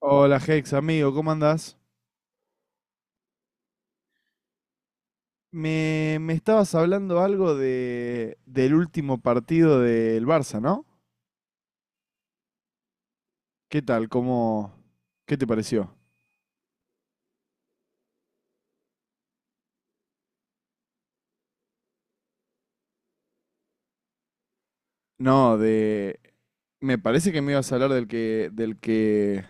Hola Hex, amigo, ¿cómo andás? Me estabas hablando algo del último partido del Barça, ¿no? ¿Qué tal? ¿Qué te pareció? No. Me parece que me ibas a hablar del que, del que,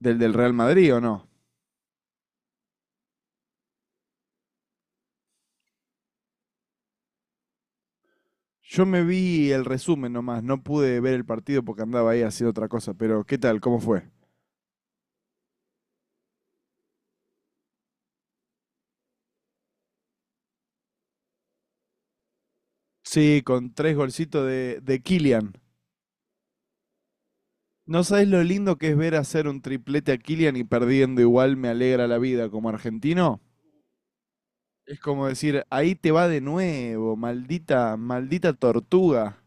del del Real Madrid, ¿o no? Yo me vi el resumen nomás, no pude ver el partido porque andaba ahí haciendo otra cosa, pero ¿qué tal? ¿Cómo fue? Sí, con tres golcitos de Kylian. No sabés lo lindo que es ver hacer un triplete a Kylian y perdiendo igual me alegra la vida como argentino. Es como decir, ahí te va de nuevo, maldita, maldita tortuga.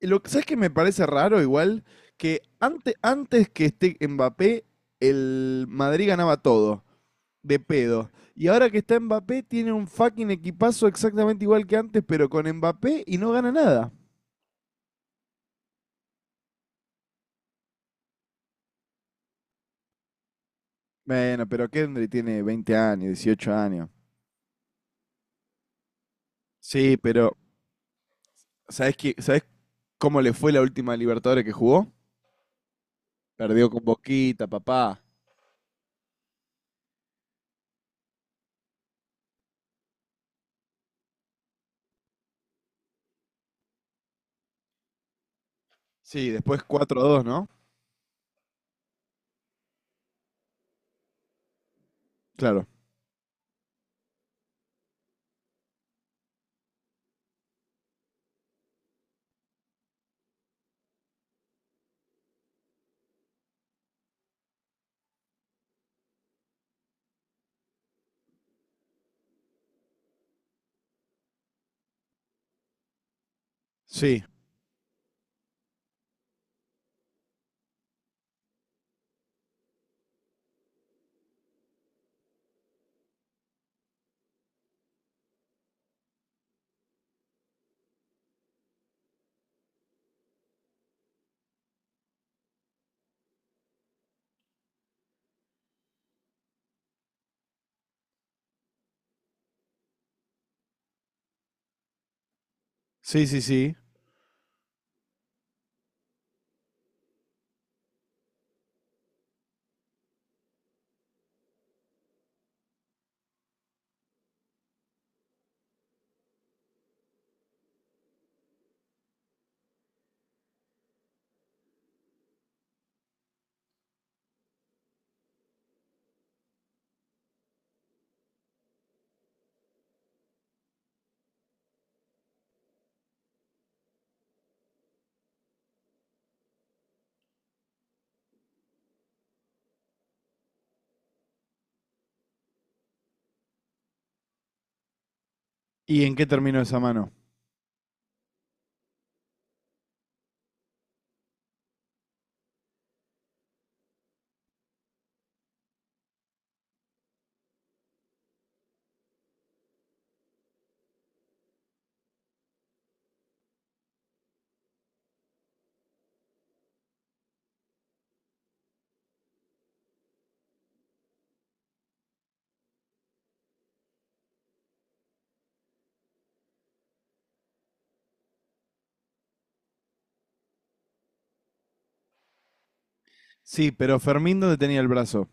Y lo que sabes que me parece raro igual que antes que esté Mbappé, el Madrid ganaba todo, de pedo. Y ahora que está Mbappé, tiene un fucking equipazo exactamente igual que antes, pero con Mbappé y no gana nada. Bueno, pero Kendry tiene 20 años, 18 años. Sí, pero ¿Sabés cómo le fue la última Libertadores que jugó? Perdió con Boquita, papá. Sí, después 4-2, ¿no? Claro. Sí, sí, sí, sí. ¿Y en qué terminó esa mano? Sí, pero Fermín, ¿dónde tenía el brazo?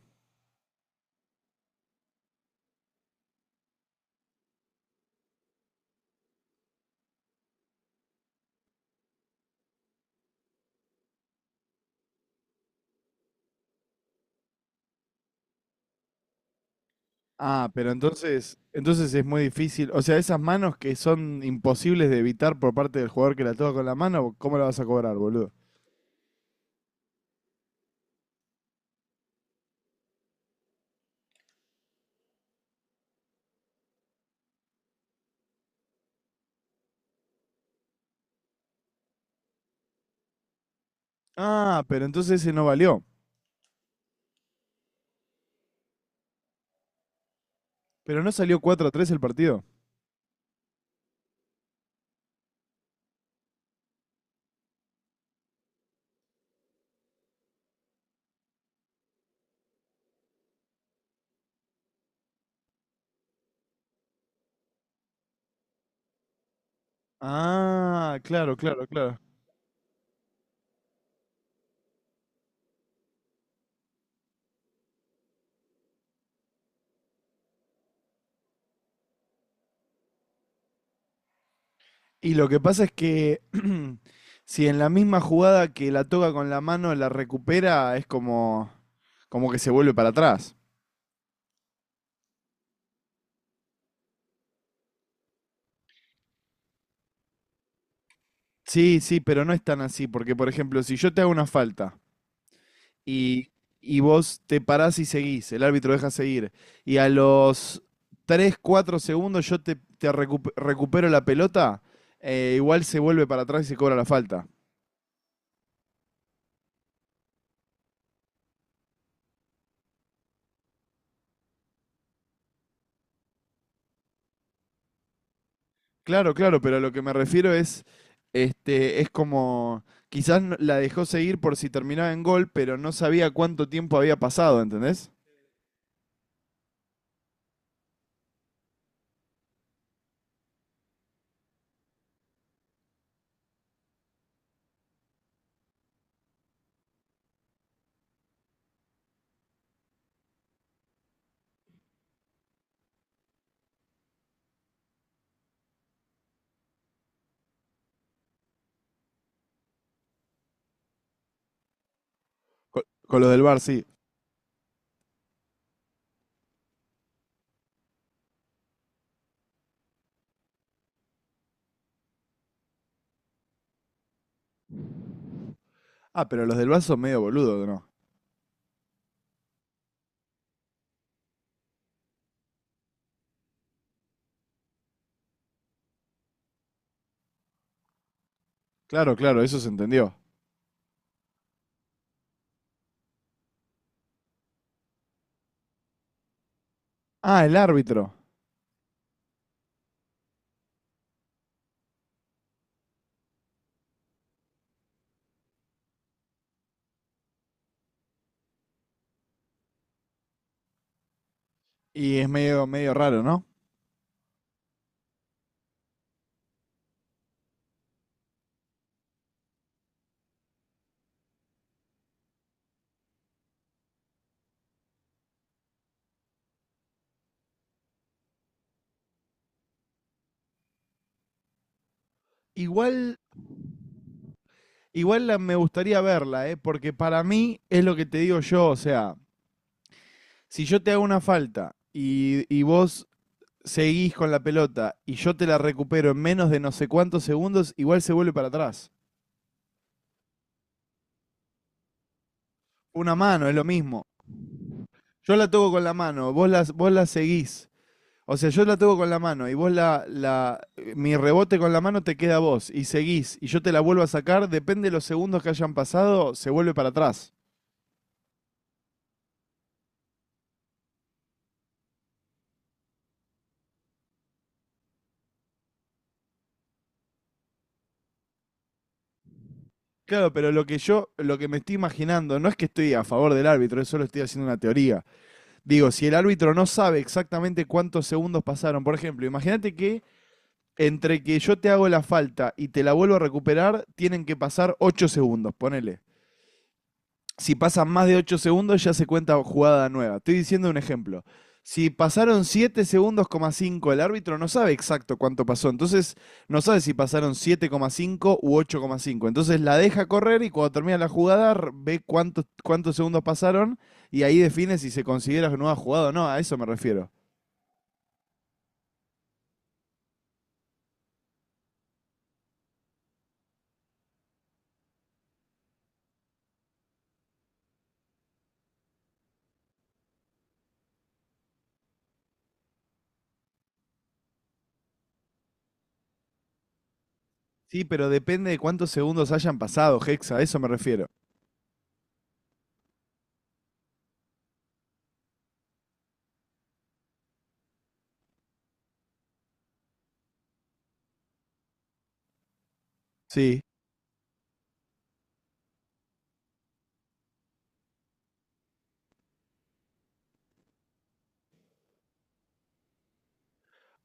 Ah, pero entonces es muy difícil. O sea, esas manos que son imposibles de evitar por parte del jugador que la toca con la mano, ¿cómo la vas a cobrar, boludo? Ah, pero entonces ese no valió. Pero no salió 4-3 el partido. Ah, claro, claro, claro. Y lo que pasa es que si en la misma jugada que la toca con la mano la recupera, es como que se vuelve para atrás. Sí, sí, pero no es tan así, porque por ejemplo, si yo te hago una falta y, y vos te parás y seguís, el árbitro deja seguir, y a los 3 4 segundos yo te recupero la pelota, igual se vuelve para atrás y se cobra la falta. Claro, claro, pero lo que me refiero es, este, es como, quizás la dejó seguir por si terminaba en gol, pero no sabía cuánto tiempo había pasado, ¿entendés? Con los del VAR, sí. Ah, pero los del VAR son medio boludo, ¿no? Claro, claro, eso se entendió. Ah, el árbitro. Y es medio, medio raro, ¿no? Igual, igual, me gustaría verla, ¿eh? Porque para mí es lo que te digo yo, o sea, si yo te hago una falta y vos seguís con la pelota y yo te la recupero en menos de no sé cuántos segundos, igual se vuelve para atrás. Una mano es lo mismo. Yo la toco con la mano, vos la seguís. O sea, yo la toco con la mano y vos la, la. Mi rebote con la mano te queda a vos y seguís y yo te la vuelvo a sacar, depende de los segundos que hayan pasado, se vuelve para atrás. Claro, pero lo que me estoy imaginando, no es que estoy a favor del árbitro, solo estoy haciendo una teoría. Digo, si el árbitro no sabe exactamente cuántos segundos pasaron, por ejemplo, imagínate que entre que yo te hago la falta y te la vuelvo a recuperar, tienen que pasar 8 segundos, ponele. Si pasan más de 8 segundos, ya se cuenta jugada nueva. Estoy diciendo un ejemplo. Si pasaron 7 segundos, coma 5, el árbitro no sabe exacto cuánto pasó. Entonces, no sabe si pasaron 7,5 u 8,5. Entonces, la deja correr y cuando termina la jugada, ve cuántos segundos pasaron y ahí define si se considera nueva jugada o no. A eso me refiero. Sí, pero depende de cuántos segundos hayan pasado, Hexa. A eso me refiero. Sí,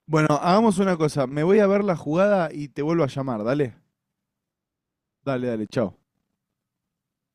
bueno, hagamos una cosa. Me voy a ver la jugada y te vuelvo a llamar. Dale, dale, dale, chao.